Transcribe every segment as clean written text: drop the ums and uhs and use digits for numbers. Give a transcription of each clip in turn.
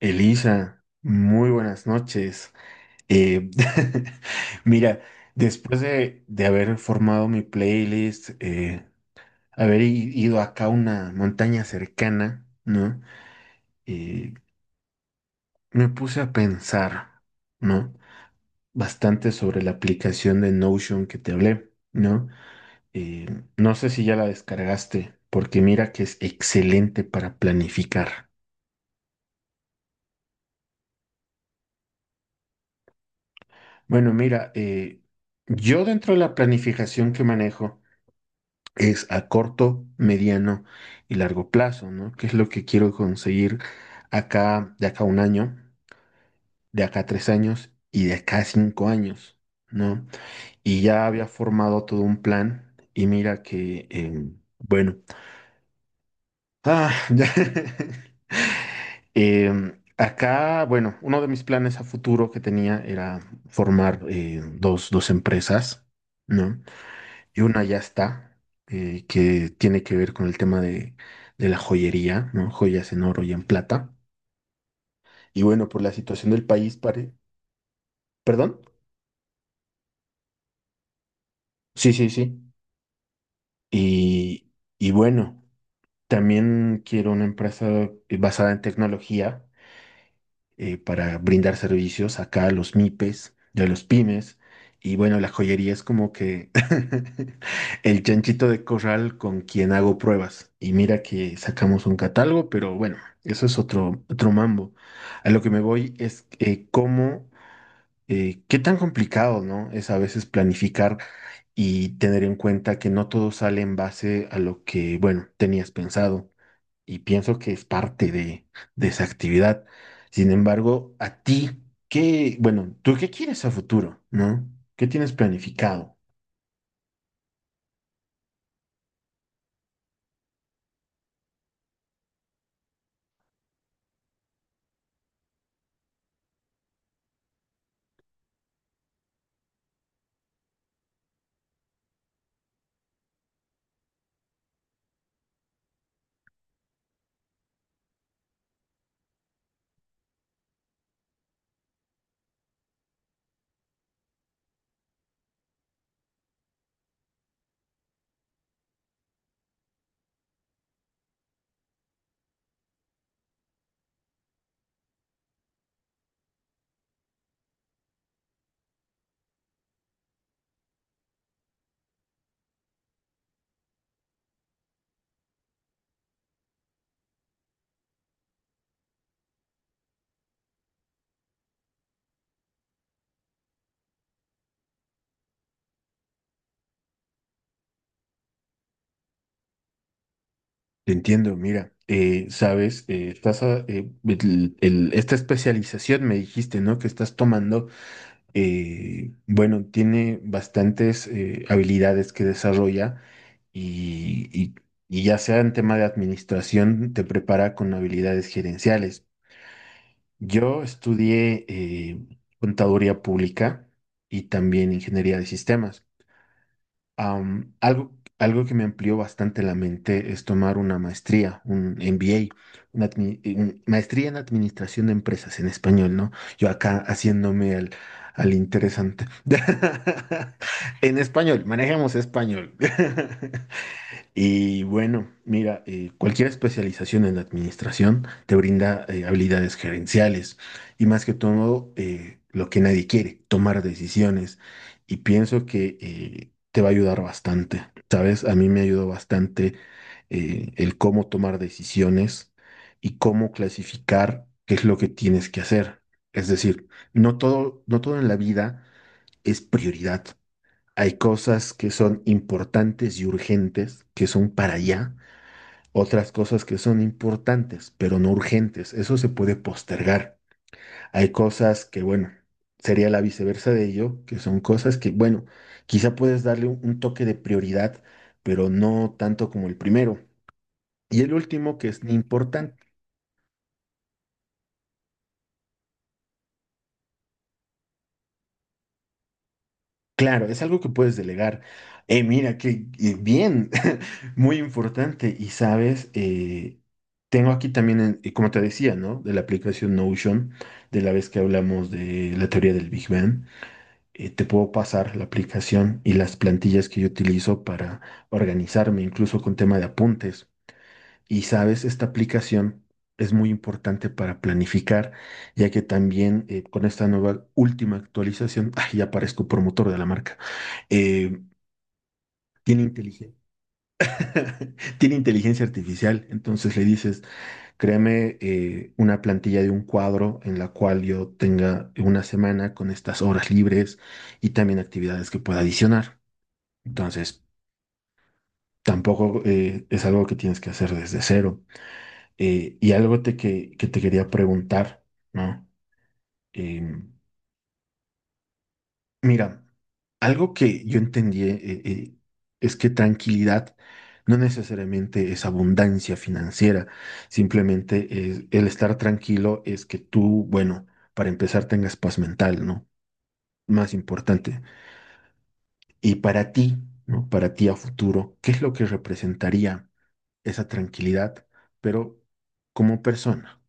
Elisa, muy buenas noches. Eh, mira, después de haber formado mi playlist, ido acá a una montaña cercana, ¿no? Eh, me puse a pensar, ¿no? Bastante sobre la aplicación de Notion que te hablé, ¿no? Eh, no sé si ya la descargaste, porque mira que es excelente para planificar. Bueno, mira, yo dentro de la planificación que manejo, es a corto, mediano y largo plazo, ¿no? ¿Qué es lo que quiero conseguir acá, de acá a un año, de acá a tres años y de acá a cinco años, ¿no? Y ya había formado todo un plan y mira que, bueno, ya. Acá, bueno, uno de mis planes a futuro que tenía era formar dos empresas, ¿no? Y una ya está, que tiene que ver con el tema de la joyería, ¿no? Joyas en oro y en plata. Y bueno, por la situación del país, pare... ¿Perdón? Sí, sí, sí. Y, y bueno, también quiero una empresa basada en tecnología para brindar servicios acá a los MIPES, de los pymes. Y bueno, la joyería es como que el chanchito de corral con quien hago pruebas. Y mira que sacamos un catálogo, pero bueno, eso es otro mambo. A lo que me voy es cómo, qué tan complicado, ¿no? Es a veces planificar y tener en cuenta que no todo sale en base a lo que, bueno, tenías pensado y pienso que es parte de esa actividad. Sin embargo, a ti, ¿qué, bueno, tú qué quieres a futuro, ¿no? ¿Qué tienes planificado? Te entiendo, mira, sabes, esta especialización me dijiste, ¿no? Que estás tomando, bueno, tiene bastantes habilidades que desarrolla y, y y ya sea en tema de administración, te prepara con habilidades gerenciales. Yo estudié contaduría pública y también ingeniería de sistemas. Am, algo, algo que me amplió bastante la mente es tomar una maestría, un MBA, maestría en administración de empresas en español, ¿no? Yo acá haciéndome al, al interesante. En español, manejemos español. Y bueno, mira, cualquier especialización en administración te brinda habilidades gerenciales y más que todo lo que nadie quiere, tomar decisiones. Y pienso que te va a ayudar bastante, ¿sabes? A mí me ayudó bastante el cómo tomar decisiones y cómo clasificar qué es lo que tienes que hacer. Es decir, no todo en la vida es prioridad. Hay cosas que son importantes y urgentes, que son para allá. Otras cosas que son importantes, pero no urgentes. Eso se puede postergar. Hay cosas que, bueno, sería la viceversa de ello, que son cosas que, bueno, quizá puedes darle un toque de prioridad, pero no tanto como el primero. Y el último, que es importante. Claro, es algo que puedes delegar. Mira, qué bien, muy importante. Y sabes, tengo aquí también, como te decía, ¿no? De la aplicación Notion, de la vez que hablamos de la teoría del Big Bang, te puedo pasar la aplicación y las plantillas que yo utilizo para organizarme, incluso con tema de apuntes. Y sabes, esta aplicación es muy importante para planificar, ya que también con esta nueva última actualización, ay, ya parezco promotor de la marca, eh, tiene inteligencia, tiene inteligencia artificial. Entonces le dices, créame una plantilla de un cuadro en la cual yo tenga una semana con estas horas libres y también actividades que pueda adicionar. Entonces, tampoco es algo que tienes que hacer desde cero. Y algo que te quería preguntar, ¿no? Em, mira, algo que yo entendí eh, es que tranquilidad no necesariamente es abundancia financiera, simplemente el estar tranquilo es que tú, bueno, para empezar tengas paz mental, ¿no? Más importante. Y para ti, ¿no? Para ti a futuro, ¿qué es lo que representaría esa tranquilidad, pero como persona?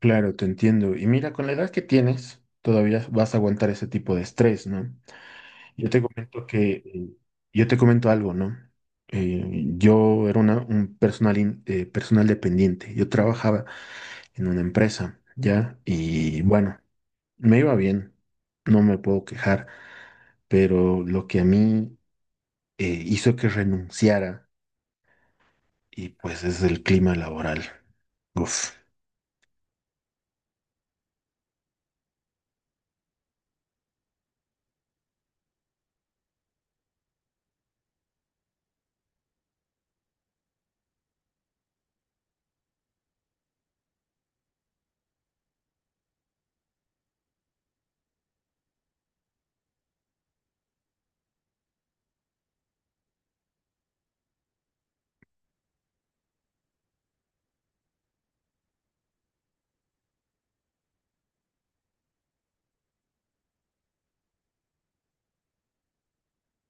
Claro, te entiendo. Y mira, con la edad que tienes, todavía vas a aguantar ese tipo de estrés, ¿no? Yo te comento que, yo te comento algo, ¿no? Yo era una, un personal, personal dependiente. Yo trabajaba en una empresa, ¿ya? Y bueno, me iba bien, no me puedo quejar, pero lo que a mí hizo que renunciara, y pues es el clima laboral. Uf,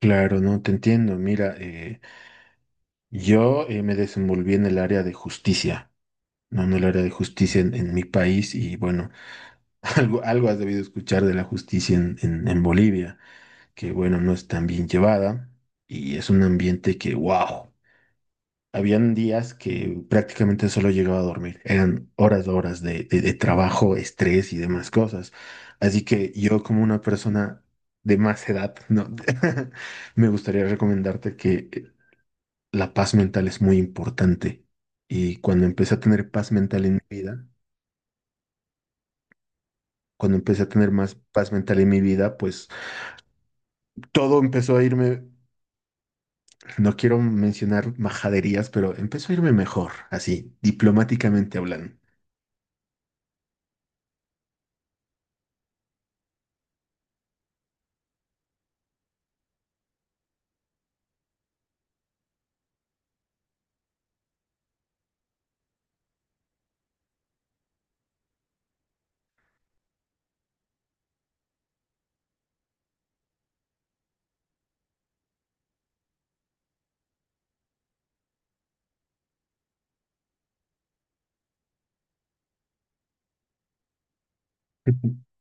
claro, no te entiendo. Mira, yo me desenvolví en el área de justicia, no en el área de justicia en mi país y bueno, algo has debido escuchar de la justicia en, en Bolivia, que bueno, no es tan bien llevada y es un ambiente que, wow, habían días que prácticamente solo llegaba a dormir, eran horas, horas de trabajo, estrés y demás cosas. Así que yo como una persona de más edad, no, me gustaría recomendarte que la paz mental es muy importante. Y cuando empecé a tener paz mental en mi vida, cuando empecé a tener más paz mental en mi vida, pues todo empezó a irme, no quiero mencionar majaderías, pero empezó a irme mejor, así, diplomáticamente hablando.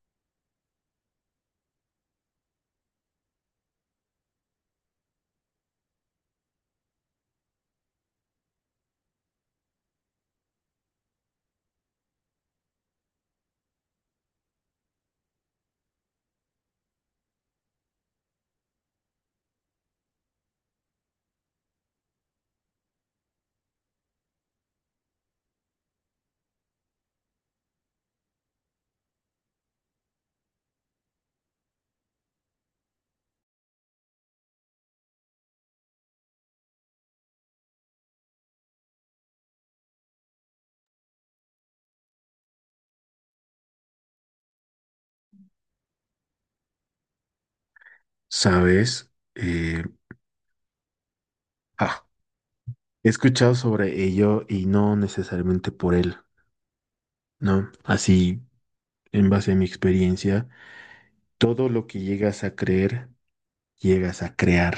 ¿Sabes? Ah, he escuchado sobre ello y no necesariamente por él, ¿no? Así, en base a mi experiencia, todo lo que llegas a creer, llegas a crear.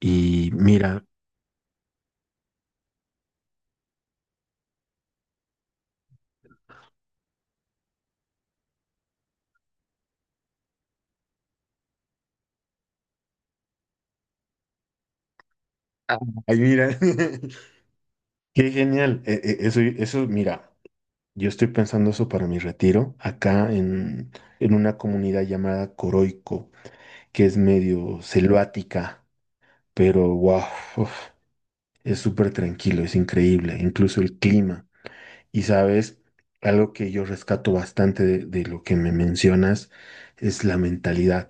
Y mira, ay, mira, qué genial. Eso, mira, yo estoy pensando eso para mi retiro, acá en una comunidad llamada Coroico, que es medio selvática, pero wow, es súper tranquilo, es increíble, incluso el clima. Y sabes, algo que yo rescato bastante de lo que me mencionas es la mentalidad.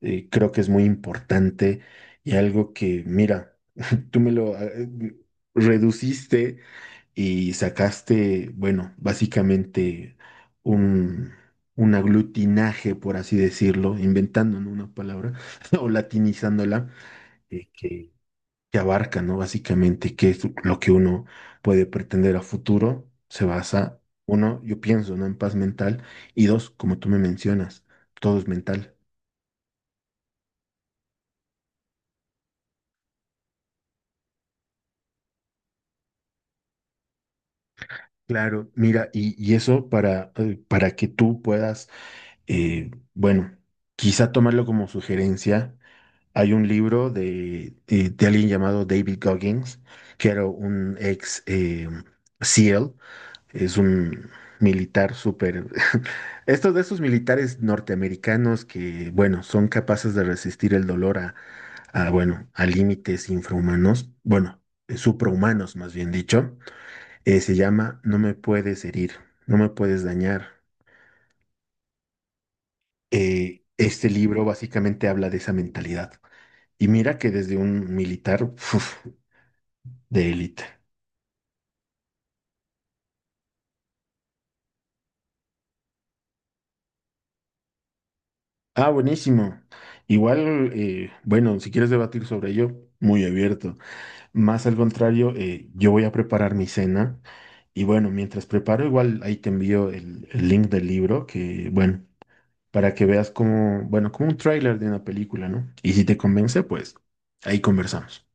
Creo que es muy importante y algo que, mira, tú me lo reduciste y sacaste, bueno, básicamente un, un aglutinaje, por así decirlo, inventando, ¿no? una palabra o latinizándola, eh, que, que abarca, ¿no? Básicamente qué es lo que uno puede pretender a futuro, se basa, uno, yo pienso, ¿no? En paz mental, y dos, como tú me mencionas, todo es mental. Claro, mira, y eso para que tú puedas, bueno, quizá tomarlo como sugerencia. Hay un libro de alguien llamado David Goggins, que era un ex SEAL, es un militar súper... Estos de esos militares norteamericanos que, bueno, son capaces de resistir el dolor bueno, a límites infrahumanos, bueno, suprahumanos más bien dicho, se llama No me puedes herir, no me puedes dañar. Este libro básicamente habla de esa mentalidad. Y mira que desde un militar, de élite. Ah, buenísimo. Igual, bueno, si quieres debatir sobre ello, muy abierto. Más al contrario, yo voy a preparar mi cena y bueno, mientras preparo, igual ahí te envío el link del libro que, bueno, para que veas como, bueno, como un tráiler de una película, ¿no? Y si te convence, pues ahí conversamos.